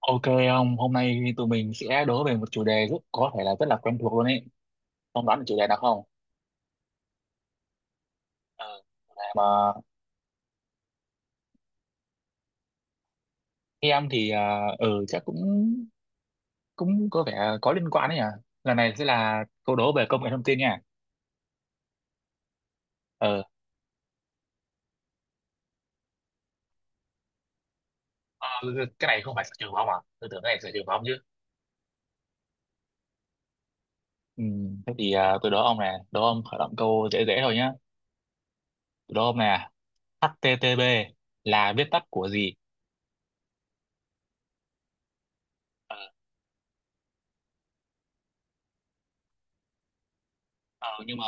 Ok ông, hôm nay tụi mình sẽ đố về một chủ đề rất có thể là rất là quen thuộc luôn ấy. Ông đoán được chủ đề nào không? Ờ, chủ đề Mà em thì à, ừ chắc cũng cũng có vẻ có liên quan đấy nhỉ. Lần này sẽ là câu đố về công nghệ thông tin nha. Ờ, ờ, cái này không phải sở trường của ông à? Tôi tưởng cái này sở trường của ông chứ. ừ, thế thì tôi đố ông này, đố ông khởi động câu dễ dễ thôi nhá. Tôi đố ông này, HTTP là viết tắt của gì? Ờ, Ờ, nhưng mà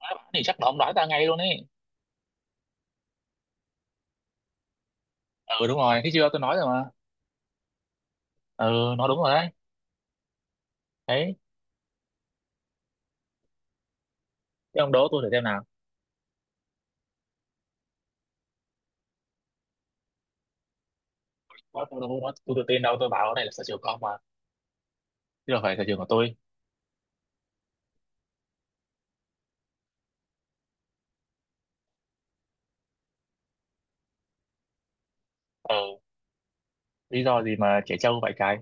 nói bạn thì chắc là ông đoán ra ngay luôn ấy. Ừ đúng rồi, thấy chưa? Tôi nói rồi mà. ừ nó đúng rồi đấy đấy Thế ông đố tôi thử xem nào. Nó không đố nó tôi tự tin đâu, tôi bảo này là sở trường của ông mà, chứ đâu phải sở trường của tôi. ừ Lý do gì mà trẻ trâu vậy cái.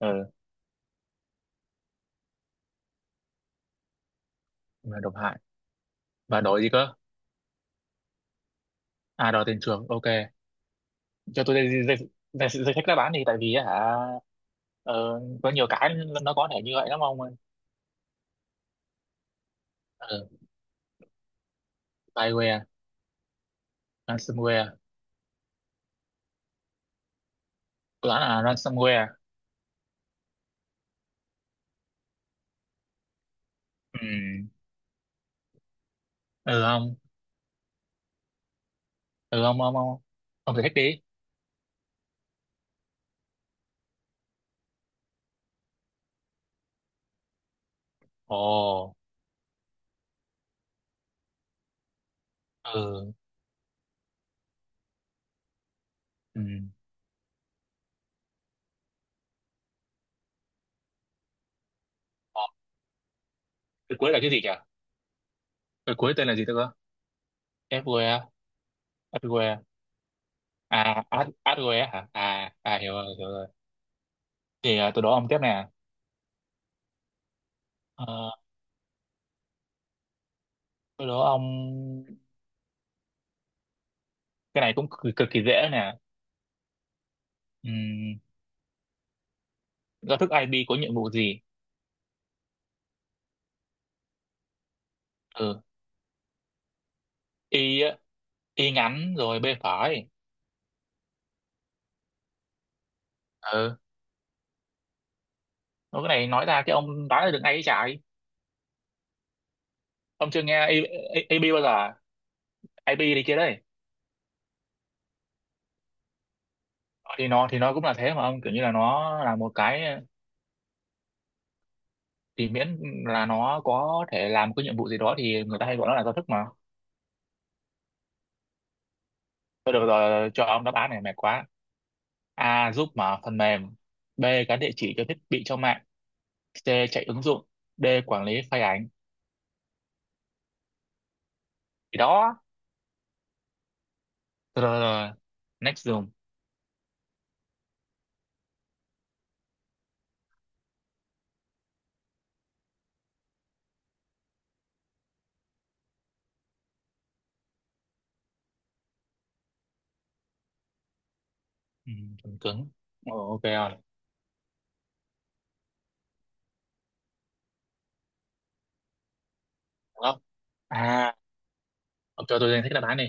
ừ mà độc hại và đổi gì cơ? À, đòi tiền chuộc, ok. Cho tôi danh danh danh danh sách đáp án đi, tại vì á hả? Có nhiều cái nó có thể như vậy lắm ông ơi. ừ Spyware, ransomware. Tôi đoán là ransomware. Ừ ừ ông ừ ông ông ông ông giải thích đi. Ồ ừ ừ Ờ, cái cuối là cái gì nhỉ? Cái cuối tên là gì tôi cơ? FWE, FWE. À, Ad- AdWe hả? À, à hiểu rồi, hiểu rồi. Tôi đố ông tiếp nè. Ờ, tôi đố ông, cái này cũng cực, cực kỳ dễ nè. Ừm, Giao thức IP có nhiệm vụ gì? Ừ, Y á, Y ngắn rồi B phải. Ừ, nói cái này nói ra cái ông đoán được ngay cái chạy. Ông chưa nghe IP bao giờ? À? IP đi kia đấy. Thì nó cũng là thế mà ông, kiểu như là nó là một cái thì miễn là nó có thể làm cái nhiệm vụ gì đó thì người ta hay gọi nó là giao thức mà. Thôi được rồi, cho ông đáp án này mệt quá. A. Giúp mở phần mềm. B. Gắn địa chỉ cho thiết bị trong mạng. C. Chạy ứng dụng. D. Quản lý file ảnh. Thì đó. Rồi, rồi, rồi. Next dùng. Ừ, Phần cứng. Ồ, ok rồi. Gấp. À, ông cho tôi danh sách đáp án đi.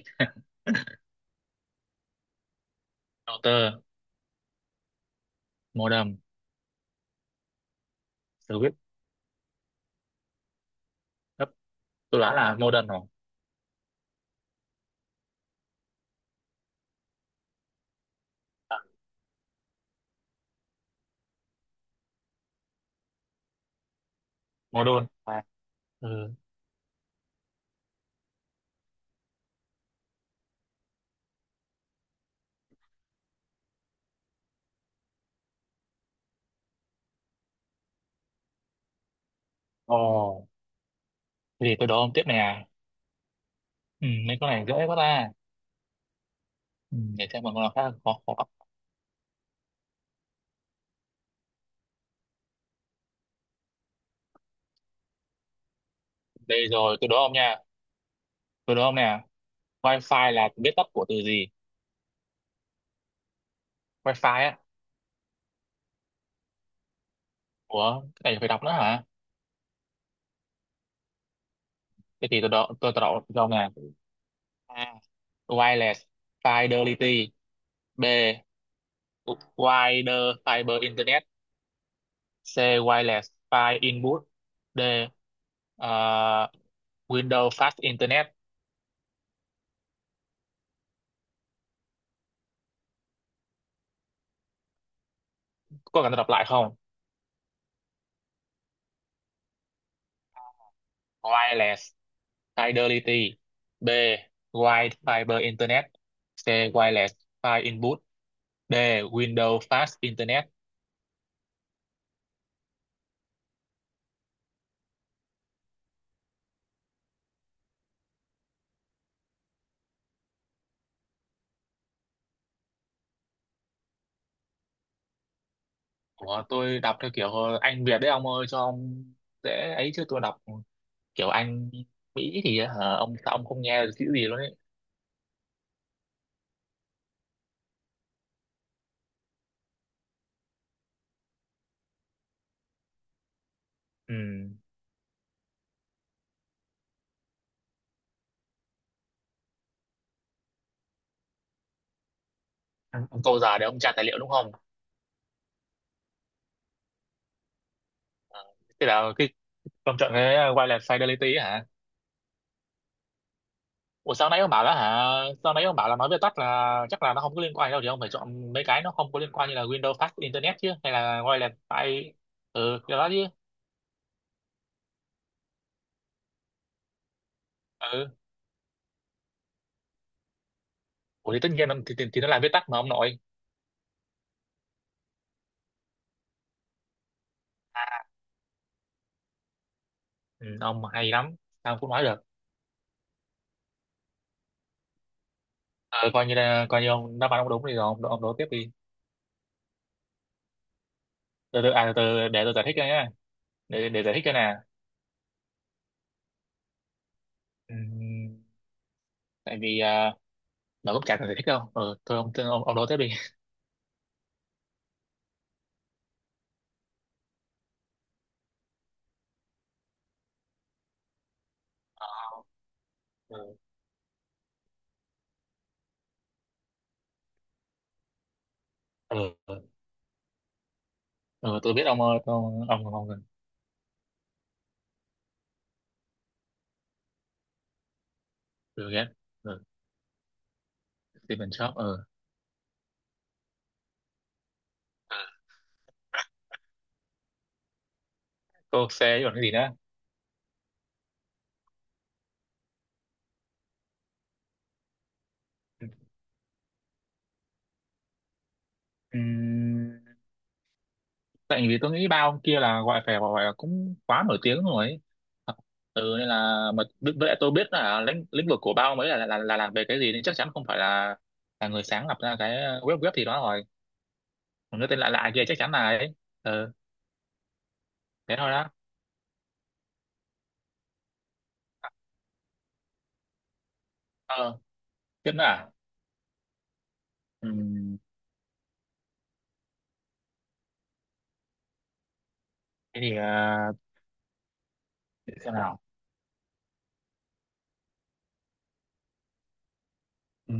Router, modem, service. Gấp. Tôi đoán là modem rồi. À, modem. À, ừ. Ồ, thế thì tôi đố ông tiếp nè. Ừ, mấy con này dễ quá ta. Ừ, để xem một con nào khác khó khó. Đây rồi, tôi đố ông nha. Tôi đố ông nè. Wi-Fi là viết tắt của từ gì? Wi-Fi á? Ủa, cái này phải đọc nữa hả? Thế thì tôi đọc đâu nè. A. Wireless Fidelity. B. Wider Fiber Internet. C. Wireless File Input. D. ờ, Windows Fast Internet. Có cần tôi đọc lại không? Wireless Fidelity. B. Wide Fiber Internet. C. Wireless File Input. D. Windows Fast Internet. Ủa, tôi đọc theo kiểu Anh Việt đấy ông ơi, cho ông dễ ấy chứ tôi đọc kiểu Anh Mỹ thì hả, ông sao ông không nghe được chữ gì luôn ấy. ừ. Ông câu giờ để ông tra tài liệu đúng không? Thế là cái ông chọn cái wireless fidelity ấy hả? Ủa sao nãy ông bảo là hả, sao nãy ông bảo là nói viết tắt là chắc là nó không có liên quan đâu thì ông phải chọn mấy cái nó không có liên quan như là Windows Fast Internet chứ, hay là wireless file. Ừ, cái đó chứ. ừ Ủa thì tất nhiên nó- thì nó là viết tắt mà ông nội. À, ừ, ông hay lắm, sao cũng nói được. Ờ, coi như là coi như ông đáp án ông đúng thì rồi ông đố tiếp đi. Từ từ à từ từ để tôi giải thích cho nhé, để giải thích cho nè. Ừm, Tại vì à, nó cũng chả cần giải thích đâu, ừ, thôi ông đố tiếp đi. ừ, ừ, ừ, tôi biết ông ông. Ừ, ghét. Ừ, Steven Jobs, ừ. Cô xe còn cái gì nữa? Ừm, tại vì tôi nghĩ ba ông kia là gọi phải gọi là cũng quá nổi tiếng rồi ấy. Ờ, ừ nên là mà bi- với lại tôi biết là lĩnh lĩnh vực của ba ông ấy là làm về cái gì nên chắc chắn không phải là người sáng lập ra cái web web gì đó rồi. Còn cái tên lạ lạ kia chắc chắn là ấy. Ừ, thế thôi đó. Ờ, tiếp nữa à? ừ. Thế thì để xem nào. Ừ.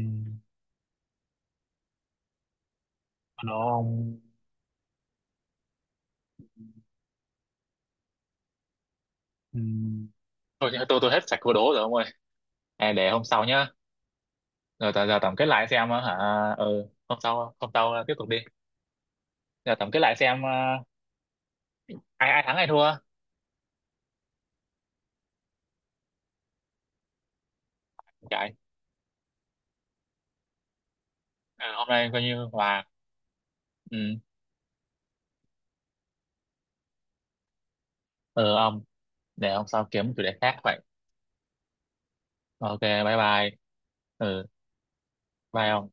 nó ông ừ. Thôi tôi hết sạch câu đố rồi ông ơi, à, để hôm sau nhá. Rồi giờ tổng kết lại xem hả, ừ hôm sau, hôm sau tiếp tục đi. Giờ tổng kết lại xem ai ai thắng ai thua. Chạy. Ờ, hôm nay coi như hòa. ừ ừ ông, để hôm sau kiếm chủ đề khác vậy. Ok bye bye. Ừ, bye ông.